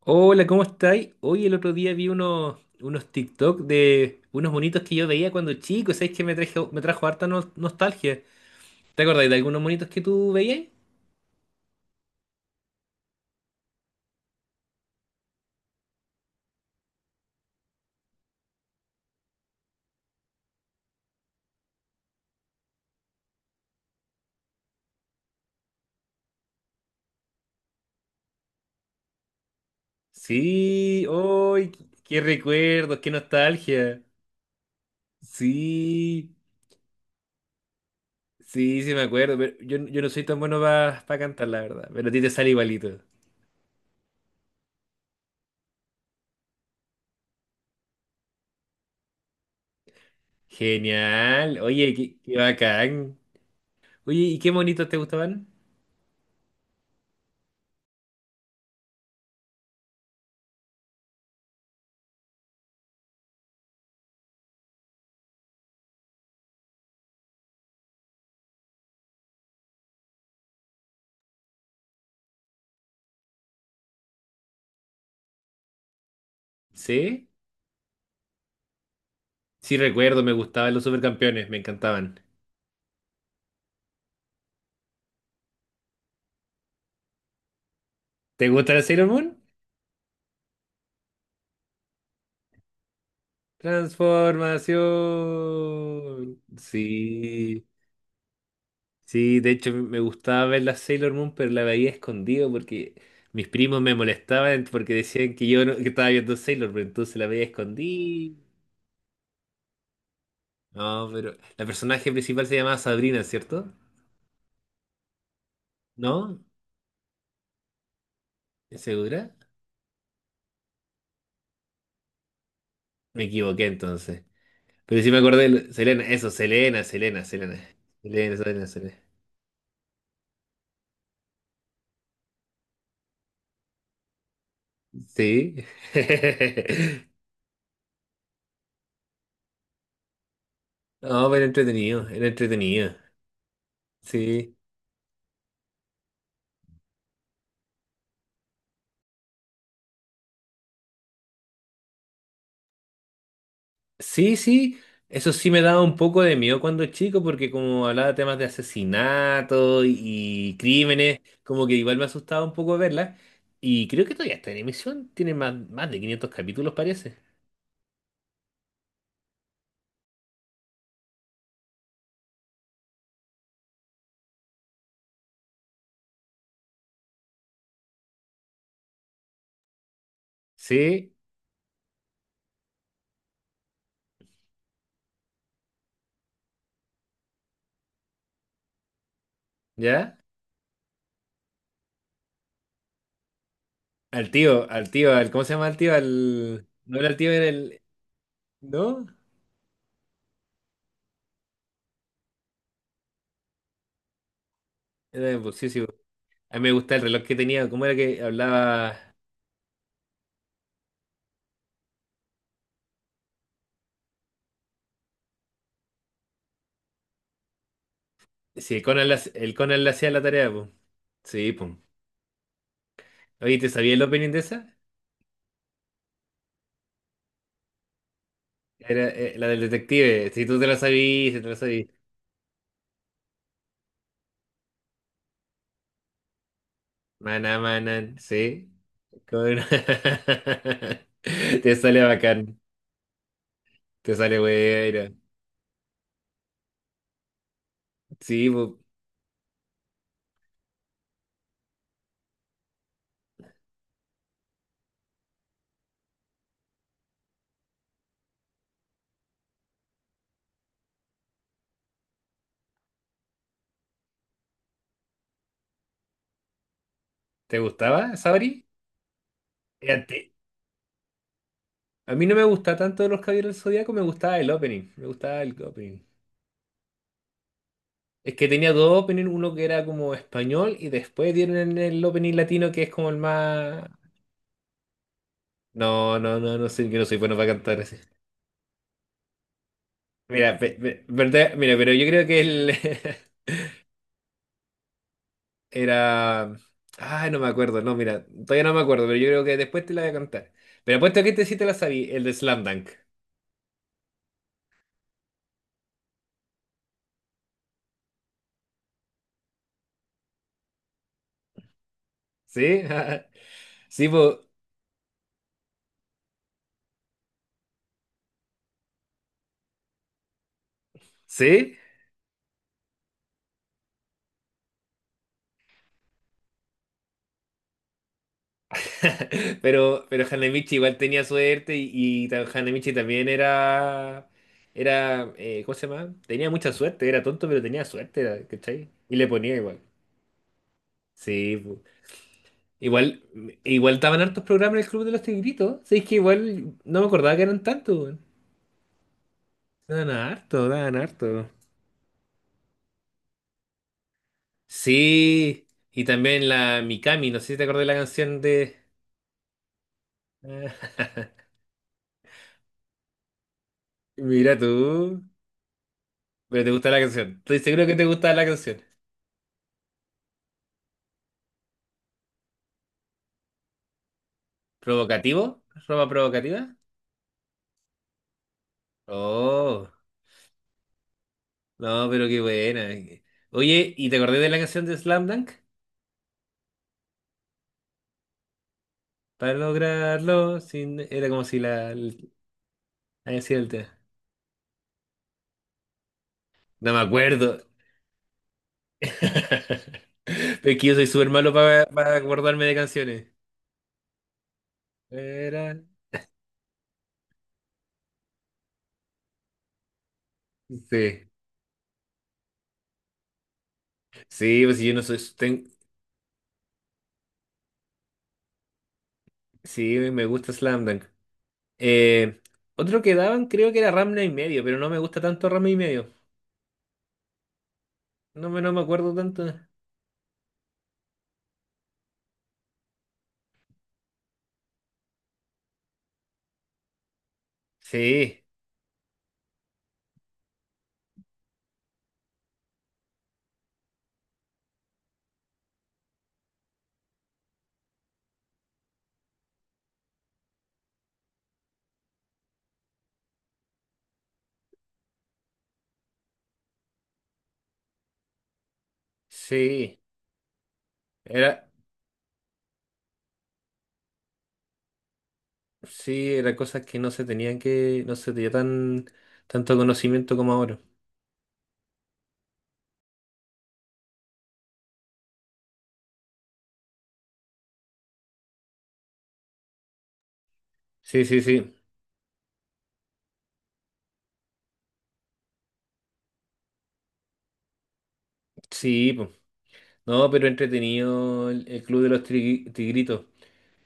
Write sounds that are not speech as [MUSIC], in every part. Hola, ¿cómo estáis? Hoy el otro día vi unos TikTok de unos monitos que yo veía cuando chico, ¿sabes que me trajo harta nostalgia? ¿Te acordáis de algunos monitos que tú veías? Sí, ¡ay! qué recuerdos, qué nostalgia. Sí, sí, sí me acuerdo, pero yo no soy tan bueno para cantar, la verdad, pero a ti te sale igualito. Genial, oye, qué bacán. Oye, ¿y qué monitos te gustaban? ¿Sí? Sí, recuerdo, me gustaban los supercampeones, me encantaban. ¿Te gusta la Sailor Moon? Transformación. Sí, sí, de hecho me gustaba ver la Sailor Moon, pero la veía escondido porque mis primos me molestaban porque decían que yo no- que estaba viendo Sailor Moon, entonces la veía escondida. No, pero la personaje principal se llamaba Sabrina, ¿cierto? ¿No? ¿Es segura? Me equivoqué entonces. Pero sí me acordé de Selena, eso, Selena, Selena, Selena. Selena, Selena, Selena. Sí. [LAUGHS] No, era entretenido, era entretenido. Sí, sí, sí. Eso sí me daba un poco de miedo cuando chico, porque como hablaba de temas de asesinato y crímenes, como que igual me asustaba un poco verla. Y creo que todavía está en emisión, tiene más de 500 capítulos, parece. Sí, ¿ya? Al tío, al tío, al, ¿cómo se llama el tío? Al, no era el tío, era el... ¿No? Era el sí, sí. A mí me gusta el reloj que tenía, ¿cómo era que hablaba? Sí, el Conan le hacía la tarea, pues. Sí, pues. Oye, ¿te sabías la opening de esa? Era la del detective. Si tú te la sabías, si te la sabías. Maná, manan, sí. Con- [LAUGHS] Te sale bacán. Te sale buena. Sí, ¿te gustaba, Sabri? Fíjate, a mí no me gustaba tanto los Caballeros del Zodíaco, me gustaba el opening. Me gustaba el opening. Es que tenía dos openings, uno que era como español y después dieron el opening latino que es como el más. No, no sé, yo no soy bueno para cantar. Mira, mira, pero yo creo que él [LAUGHS] era. Ay, no me acuerdo, no, mira, todavía no me acuerdo, pero yo creo que después te la voy a contar. Pero apuesto que este sí te la sabí, el de Slam Dunk. ¿Sí? [LAUGHS] Sí, po- ¿Sí? [LAUGHS] Pero Hanemichi igual tenía suerte y, Hanemichi también era. Era. ¿Cómo se llama? Tenía mucha suerte, era tonto, pero tenía suerte, ¿cachai? Y le ponía igual. Sí, igual, igual estaban hartos programas en el Club de los Tigritos. Sí, es que igual no me acordaba que eran tantos, weón. Daban harto, daban harto. Sí, y también la Mikami, no sé si te acordás de la canción de... [LAUGHS] Mira tú, pero te gusta la canción. Estoy seguro que te gusta la canción. ¿Provocativo? ¿Ropa provocativa? Oh, no, pero qué buena. Oye, ¿y te acordás de la canción de Slam Dunk? Para lograrlo, sin... era como si así era el tema. No me acuerdo. [LAUGHS] Es que yo soy súper malo para acordarme de canciones. Era- Sí, sí, pues sí, yo no soy. Ten- Sí, me gusta Slam Dunk. Eh, otro que daban creo que era Ramna y medio, pero no me gusta tanto Ramna y medio. No me acuerdo tanto. Sí, sí. Era, sí, era cosas que no se tenían que, no se tenía tan, tanto conocimiento como ahora. Sí, sí, sí. Sí, po. No, pero entretenido el Club de los Tri- Tigritos.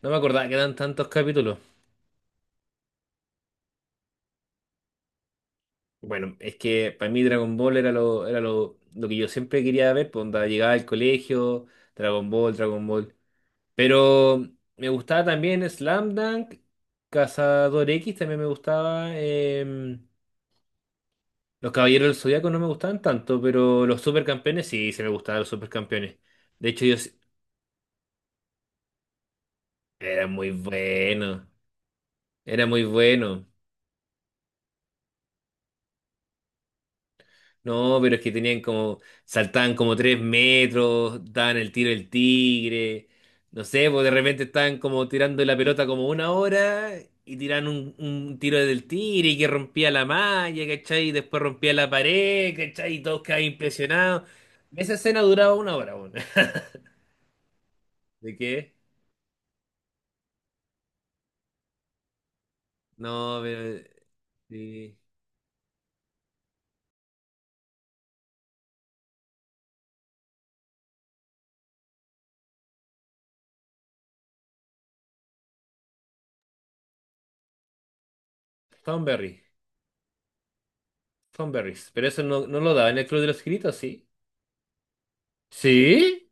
No me acordaba que eran tantos capítulos. Bueno, es que para mí Dragon Ball lo que yo siempre quería ver, pues onda, llegaba al colegio, Dragon Ball, Dragon Ball. Pero me gustaba también Slam Dunk, Cazador X también me gustaba. Los Caballeros del Zodiaco no me gustaban tanto, pero los Supercampeones sí, se me gustaban los Supercampeones. De hecho, ellos era muy bueno era muy bueno. No, pero es que tenían como, saltaban como 3 metros, daban el tiro del tigre, no sé, pues de repente estaban como tirando la pelota como una hora y tiran un tiro del tigre y que rompía la malla, ¿cachai? Y después rompía la pared, ¿cachai? Y todos quedaban impresionados. Esa escena duraba una hora, bueno. [LAUGHS] ¿De qué? No, pero... Sí. Tom Berry, Tom Berries. Pero eso no lo daba en el Club de los Gritos, ¿sí? ¿Sí?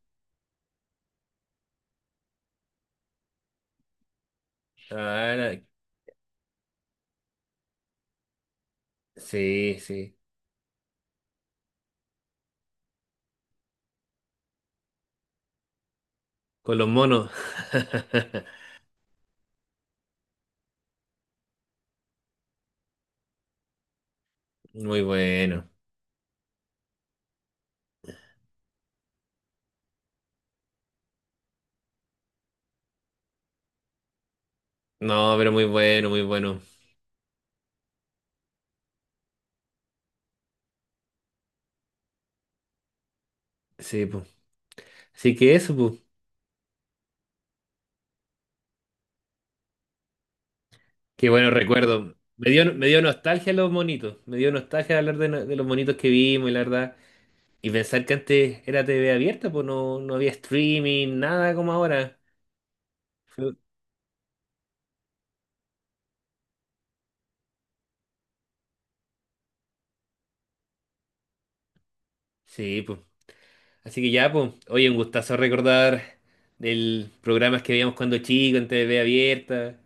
Ah, era- sí, sí. Con los monos. [LAUGHS] Muy bueno. No, pero muy bueno, muy bueno. Sí, pues. Así que eso, pues. Qué bueno recuerdo. Me dio nostalgia los monitos. Me dio nostalgia hablar de, de los monitos que vimos, y la verdad. Y pensar que antes era TV abierta, pues no había streaming, nada como ahora. Fue- Sí, pues. Así que ya, pues, oye, un gustazo recordar del programas que veíamos cuando chico en TV abierta.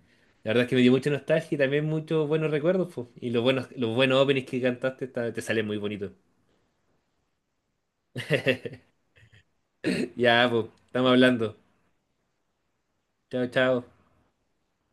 La verdad es que me dio mucha nostalgia y también muchos buenos recuerdos, pues. Y los buenos openings que cantaste te salen muy bonitos. [LAUGHS] Ya, pues, estamos hablando. Chao, chao.